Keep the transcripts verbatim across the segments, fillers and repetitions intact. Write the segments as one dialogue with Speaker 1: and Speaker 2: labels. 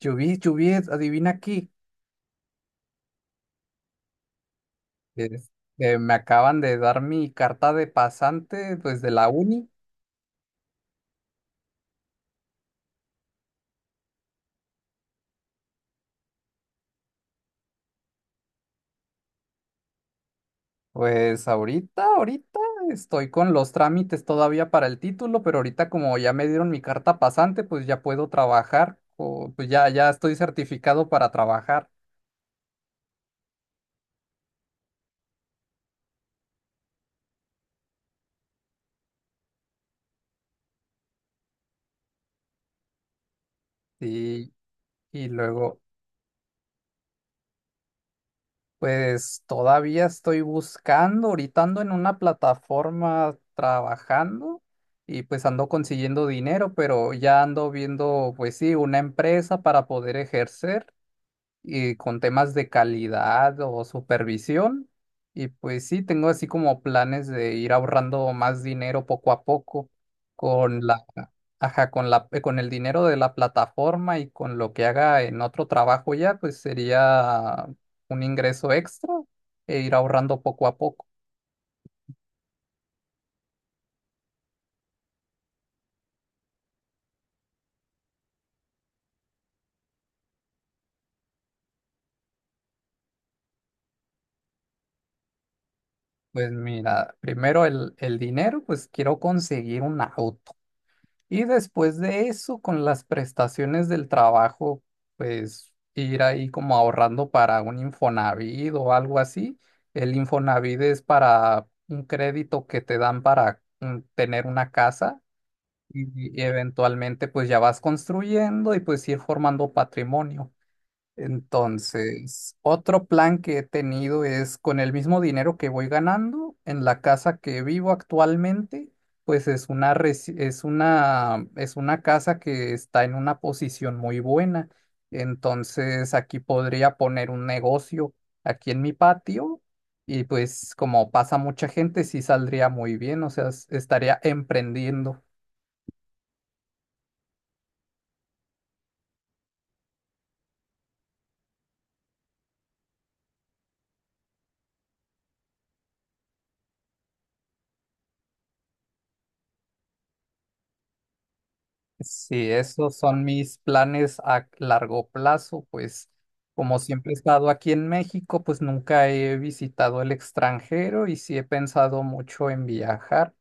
Speaker 1: Chubis, Chubis, adivina aquí. Este, me acaban de dar mi carta de pasante, pues de la uni. Pues ahorita, ahorita estoy con los trámites todavía para el título, pero ahorita como ya me dieron mi carta pasante, pues ya puedo trabajar, o, pues ya, ya estoy certificado para trabajar. Y, y luego, pues todavía estoy buscando, ahorita ando en una plataforma trabajando y pues ando consiguiendo dinero, pero ya ando viendo, pues sí, una empresa para poder ejercer y con temas de calidad o supervisión. Y pues sí, tengo así como planes de ir ahorrando más dinero poco a poco con la. Ajá, con la, eh, con el dinero de la plataforma y con lo que haga en otro trabajo ya, pues sería un ingreso extra e ir ahorrando poco a poco. Pues mira, primero el, el dinero, pues quiero conseguir un auto. Y después de eso, con las prestaciones del trabajo, pues ir ahí como ahorrando para un Infonavit o algo así. El Infonavit es para un crédito que te dan para mm, tener una casa. Y eventualmente pues ya vas construyendo y pues ir formando patrimonio. Entonces, otro plan que he tenido es con el mismo dinero que voy ganando en la casa que vivo actualmente, pues es una, resi- es una, es una casa que está en una posición muy buena. Entonces, aquí podría poner un negocio aquí en mi patio y pues como pasa mucha gente, sí saldría muy bien, o sea, es- estaría emprendiendo. Sí, esos son mis planes a largo plazo, pues como siempre he estado aquí en México, pues nunca he visitado el extranjero y sí he pensado mucho en viajar.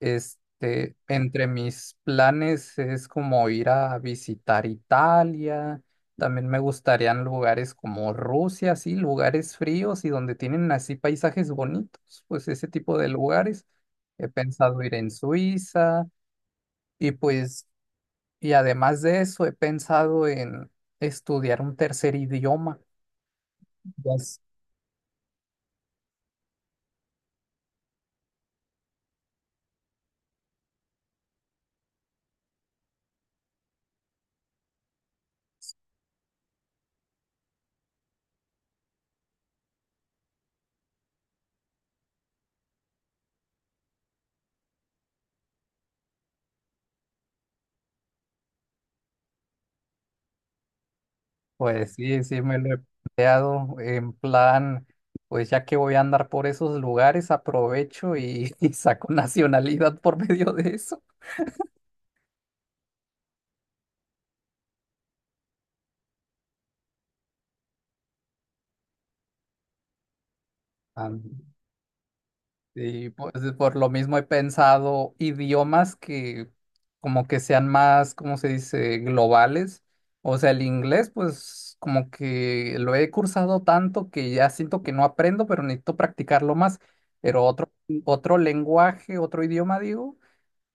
Speaker 1: Este, entre mis planes es como ir a visitar Italia, también me gustarían lugares como Rusia, sí, lugares fríos y donde tienen así paisajes bonitos, pues ese tipo de lugares. He pensado ir en Suiza. Y pues, y además de eso, he pensado en estudiar un tercer idioma. Ya s- Pues sí, sí, me lo he planteado en plan, pues ya que voy a andar por esos lugares, aprovecho y, y saco nacionalidad por medio de eso. Y pues por lo mismo he pensado idiomas que como que sean más, ¿cómo se dice?, globales. O sea, el inglés, pues como que lo he cursado tanto que ya siento que no aprendo, pero necesito practicarlo más. Pero otro, otro lenguaje, otro idioma, digo,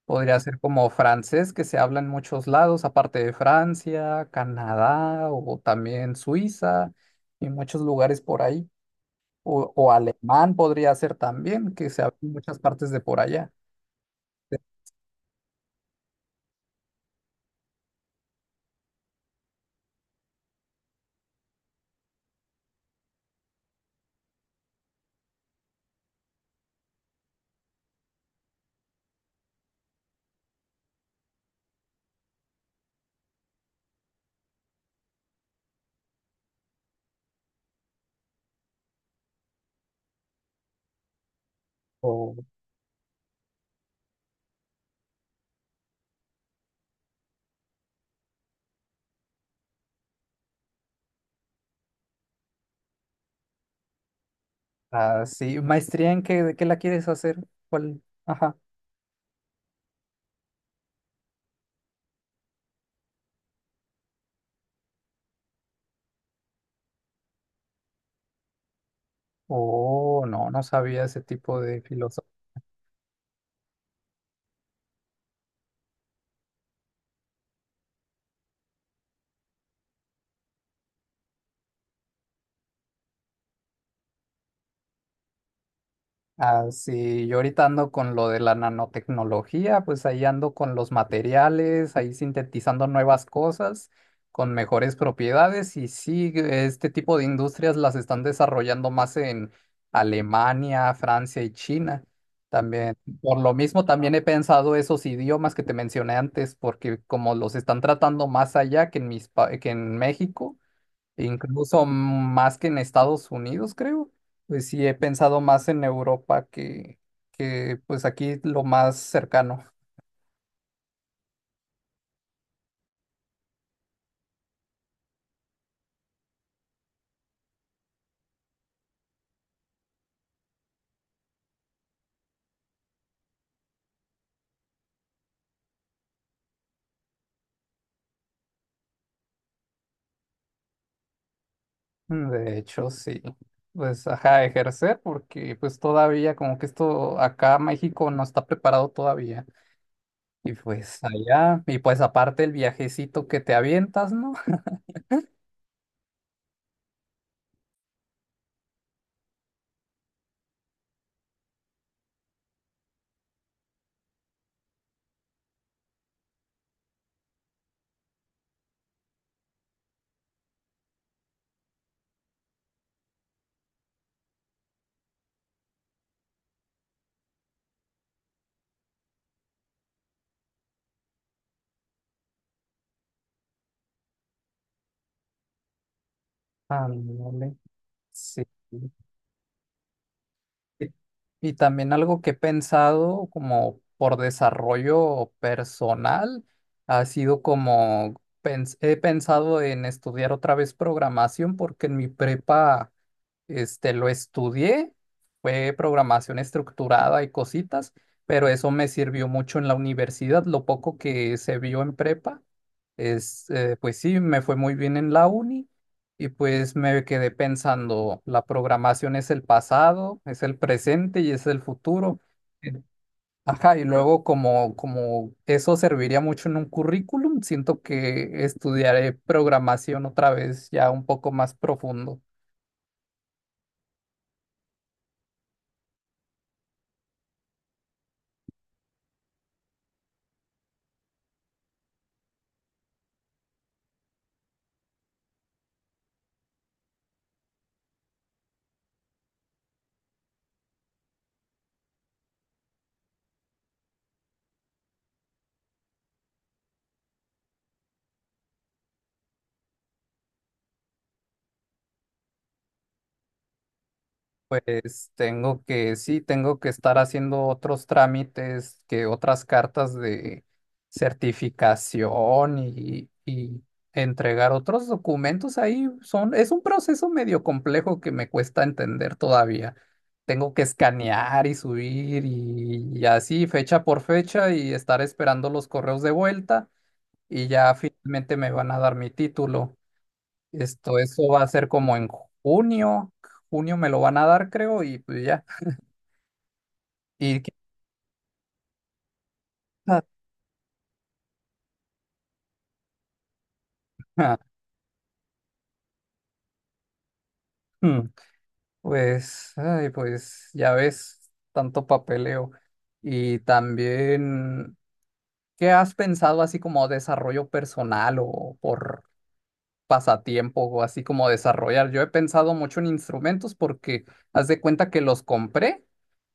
Speaker 1: podría ser como francés, que se habla en muchos lados, aparte de Francia, Canadá o también Suiza y muchos lugares por ahí. O, o alemán podría ser también, que se habla en muchas partes de por allá. O así, ¿maestría en qué, de qué la quieres hacer? ¿Cuál? Ajá. Oh, no, no sabía ese tipo de. Ah, sí, yo ahorita ando con lo de la nanotecnología, pues ahí ando con los materiales, ahí sintetizando nuevas cosas con mejores propiedades y sí, este tipo de industrias las están desarrollando más en Alemania, Francia y China. También, por lo mismo, también he pensado esos idiomas que te mencioné antes, porque como los están tratando más allá que en mis, pa- que en México. Incluso más que en Estados Unidos, creo. Pues sí, he pensado más en Europa que, que pues aquí lo más cercano. Mm, de hecho, sí. Pues, ajá, ejercer, porque pues todavía como que esto acá México no está preparado todavía. Y pues allá, y pues aparte el viajecito que te avientas, ¿no? Ándale, sí. Y y también algo que he pensado como por desarrollo personal ha sido como pens- he pensado en estudiar otra vez programación porque en mi prepa este, lo estudié, fue programación estructurada y cositas, pero eso me sirvió mucho en la universidad. Lo poco que se vio en prepa, es, eh, pues sí, me fue muy bien en la uni y pues me quedé pensando, la programación es el pasado, es el presente y es el futuro. Ajá, y luego como, como eso serviría mucho en un currículum, siento que estudiaré programación otra vez ya un poco más profundo. Pues tengo que, sí, tengo que estar haciendo otros trámites, que otras cartas de certificación y, y entregar otros documentos ahí. Son, es un proceso medio complejo que me cuesta entender todavía. Tengo que escanear y subir y, y así, fecha por fecha, y estar esperando los correos de vuelta y ya finalmente me van a dar mi título. Esto, eso va a ser como en junio. Junio me lo van a dar, creo, y pues ya. Y qué- Ah, hmm, pues, ay, pues ya ves, tanto papeleo. Y también, ¿qué has pensado así como desarrollo personal o por pasatiempo o así como desarrollar? Yo he pensado mucho en instrumentos porque haz de cuenta que los compré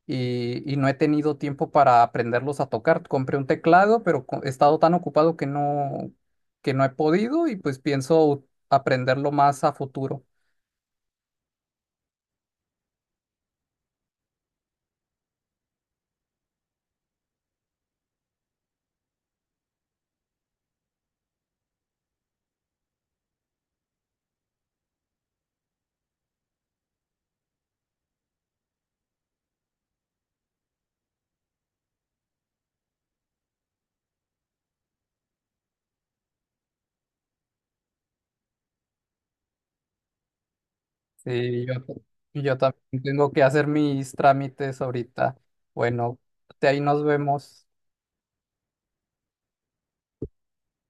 Speaker 1: y, y no he tenido tiempo para aprenderlos a tocar. Compré un teclado, pero co- he estado tan ocupado que no, que no he podido y pues pienso aprenderlo más a futuro. Sí, yo, yo también tengo que hacer mis trámites ahorita. Bueno, ahí nos vemos.